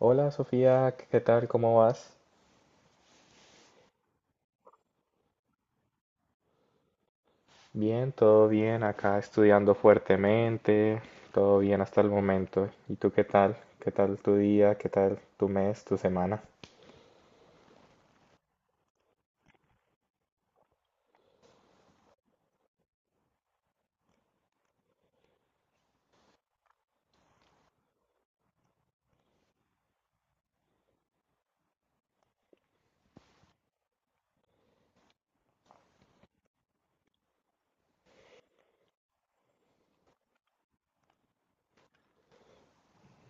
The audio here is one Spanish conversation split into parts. Hola Sofía, ¿qué tal? ¿Cómo vas? Bien, todo bien, acá estudiando fuertemente, todo bien hasta el momento. ¿Y tú qué tal? ¿Qué tal tu día? ¿Qué tal tu mes, tu semana?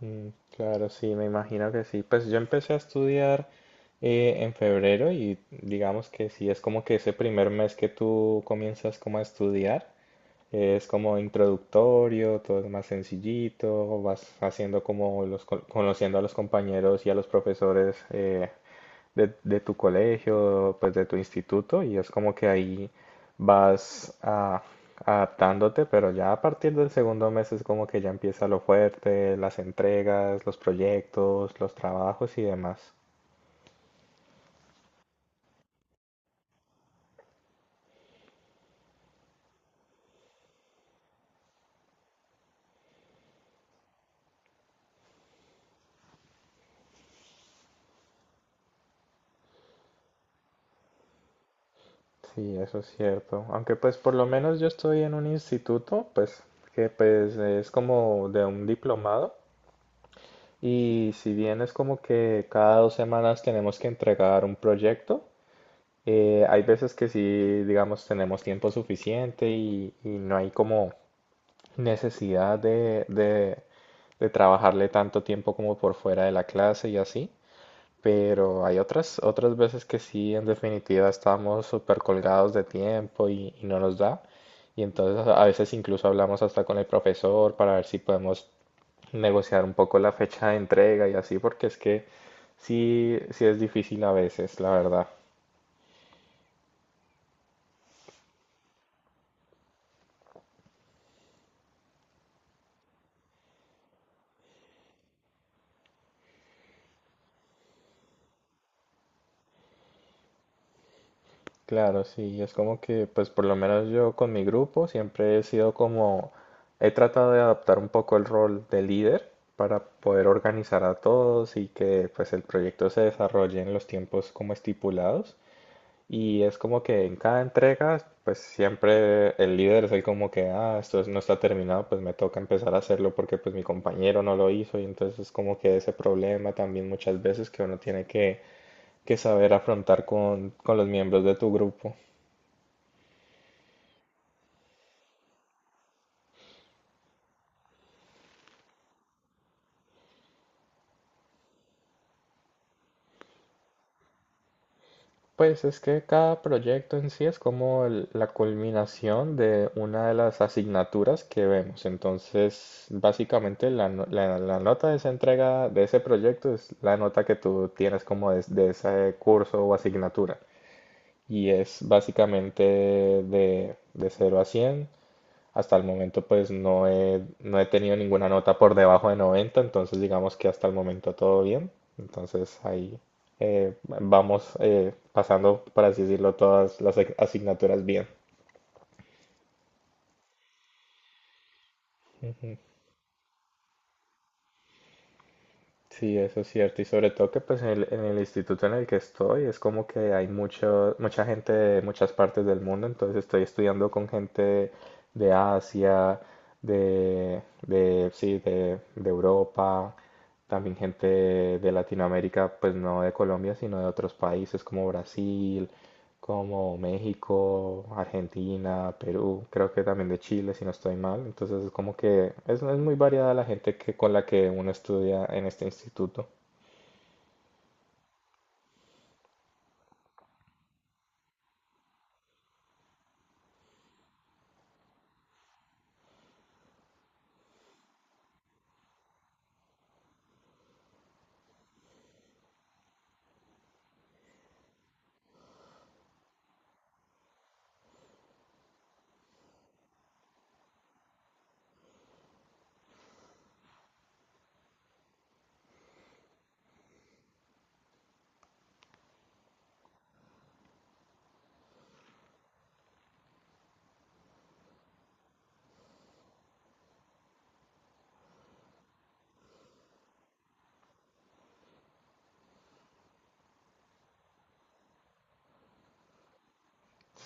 Mm, claro, sí, me imagino que sí. Pues yo empecé a estudiar en febrero y digamos que sí, es como que ese primer mes que tú comienzas como a estudiar, es como introductorio, todo es más sencillito, vas haciendo como conociendo a los compañeros y a los profesores, de tu colegio, pues de tu instituto, y es como que ahí vas adaptándote, pero ya a partir del segundo mes es como que ya empieza lo fuerte, las entregas, los proyectos, los trabajos y demás. Sí, eso es cierto. Aunque pues por lo menos yo estoy en un instituto, pues que pues es como de un diplomado. Y si bien es como que cada 2 semanas tenemos que entregar un proyecto, eh, hay veces que sí, digamos, tenemos tiempo suficiente y no hay como necesidad de trabajarle tanto tiempo como por fuera de la clase y así, pero hay otras veces que sí, en definitiva, estamos súper colgados de tiempo y no nos da. Y entonces a veces incluso hablamos hasta con el profesor para ver si podemos negociar un poco la fecha de entrega y así, porque es que sí, sí es difícil a veces, la verdad. Claro, sí, es como que, pues por lo menos yo con mi grupo siempre he sido como, he tratado de adaptar un poco el rol de líder para poder organizar a todos y que pues el proyecto se desarrolle en los tiempos como estipulados. Y es como que en cada entrega, pues siempre el líder es el como que, ah, no está terminado, pues me toca empezar a hacerlo porque pues mi compañero no lo hizo y entonces es como que ese problema también muchas veces que uno tiene que saber afrontar con los miembros de tu grupo. Pues es que cada proyecto en sí es como la culminación de una de las asignaturas que vemos. Entonces, básicamente la, no- la- la nota de esa entrega de ese proyecto es la nota que tú tienes como de ese curso o asignatura. Y es básicamente de 0 a 100. Hasta el momento pues no he tenido ninguna nota por debajo de 90, entonces digamos que hasta el momento todo bien. Entonces ahí vamos pasando, por así decirlo, todas las asignaturas bien. Sí, eso es cierto. Y sobre todo que pues en en el instituto en el que estoy es como que hay mucho, mucha gente de muchas partes del mundo, entonces estoy estudiando con gente de Asia, de Europa, también gente de Latinoamérica, pues no de Colombia, sino de otros países como Brasil, como México, Argentina, Perú, creo que también de Chile, si no estoy mal. Entonces es como que es muy variada la gente que, con la que uno estudia en este instituto.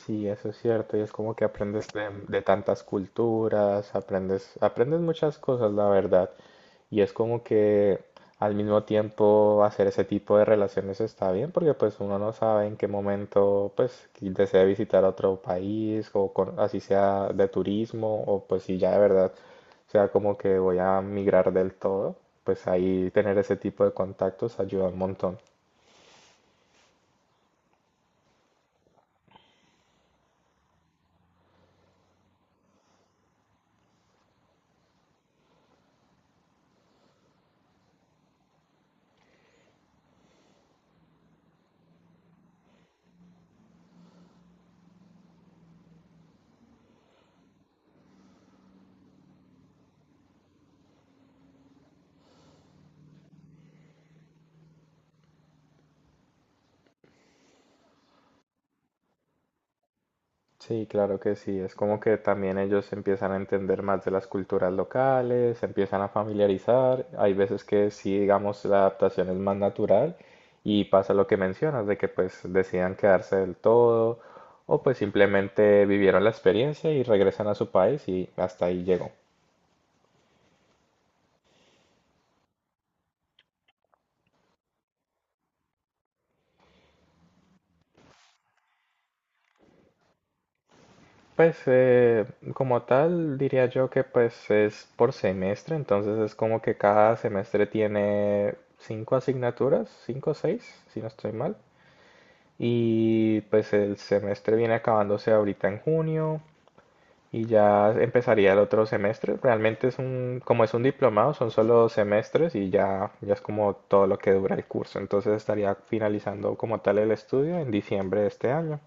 Sí, eso es cierto, y es como que aprendes de tantas culturas, aprendes muchas cosas, la verdad, y es como que al mismo tiempo hacer ese tipo de relaciones está bien, porque pues uno no sabe en qué momento pues que desea visitar otro país, o así sea de turismo, o pues si ya de verdad sea como que voy a migrar del todo, pues ahí tener ese tipo de contactos ayuda un montón. Sí, claro que sí. Es como que también ellos empiezan a entender más de las culturas locales, se empiezan a familiarizar. Hay veces que sí, digamos, la adaptación es más natural y pasa lo que mencionas, de que pues decidan quedarse del todo o pues simplemente vivieron la experiencia y regresan a su país y hasta ahí llegó. Pues como tal diría yo que pues es por semestre, entonces es como que cada semestre tiene cinco asignaturas, cinco o seis, si no estoy mal. Y pues el semestre viene acabándose ahorita en junio y ya empezaría el otro semestre. Realmente es un, como es un diplomado, son solo 2 semestres y ya, ya es como todo lo que dura el curso. Entonces estaría finalizando como tal el estudio en diciembre de este año.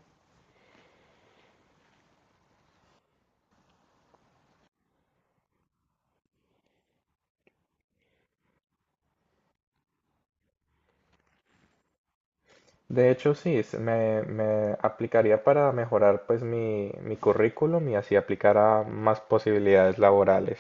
De hecho, sí, me aplicaría para mejorar pues mi currículum y así aplicar a más posibilidades laborales.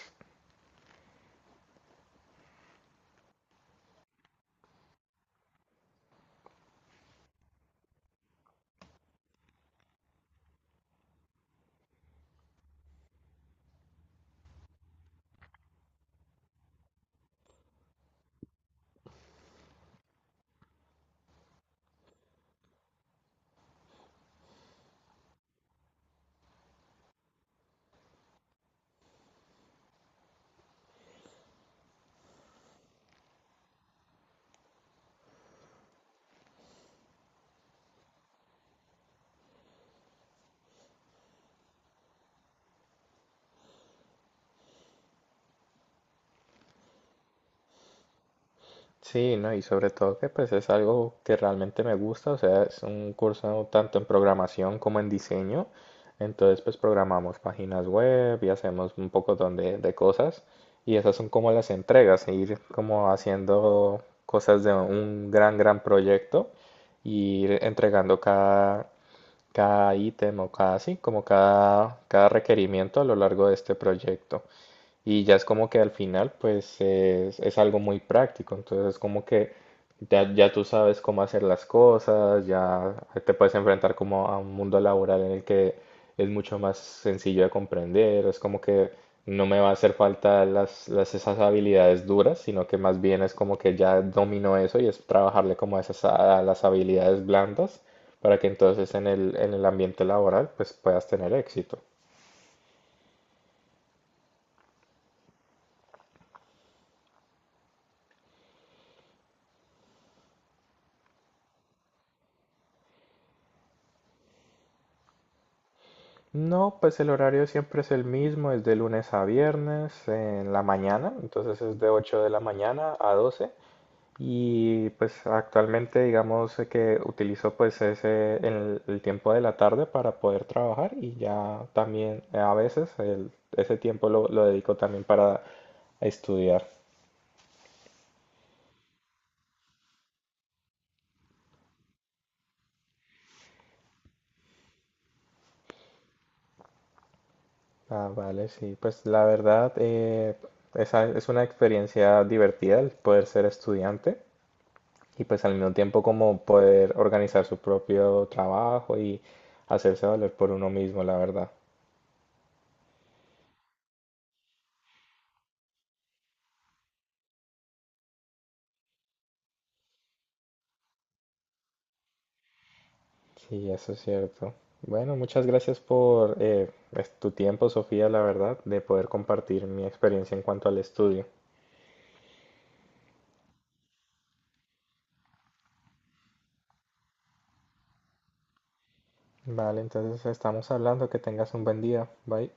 Sí, ¿no? Y sobre todo que pues es algo que realmente me gusta, o sea, es un curso tanto en programación como en diseño. Entonces pues programamos páginas web y hacemos un pocotón de cosas y esas son como las entregas, ir como haciendo cosas de un gran, gran proyecto y ir entregando cada, cada ítem o cada, sí, como cada requerimiento a lo largo de este proyecto. Y ya es como que al final, pues es algo muy práctico. Entonces es como que ya tú sabes cómo hacer las cosas, ya te puedes enfrentar como a un mundo laboral en el que es mucho más sencillo de comprender. Es como que no me va a hacer falta esas habilidades duras, sino que más bien es como que ya domino eso y es trabajarle como a esas, a las habilidades blandas para que entonces en en el ambiente laboral pues puedas tener éxito. No, pues el horario siempre es el mismo, es de lunes a viernes en la mañana, entonces es de 8 de la mañana a 12 y pues actualmente digamos que utilizo pues el tiempo de la tarde para poder trabajar y ya también a veces ese tiempo lo dedico también para estudiar. Ah, vale, sí, pues la verdad esa es una experiencia divertida el poder ser estudiante, y pues al mismo tiempo como poder organizar su propio trabajo y hacerse valer por uno mismo, la verdad. Sí, eso es cierto. Bueno, muchas gracias por tu tiempo, Sofía, la verdad, de poder compartir mi experiencia en cuanto al estudio. Vale, entonces estamos hablando, que tengas un buen día. Bye.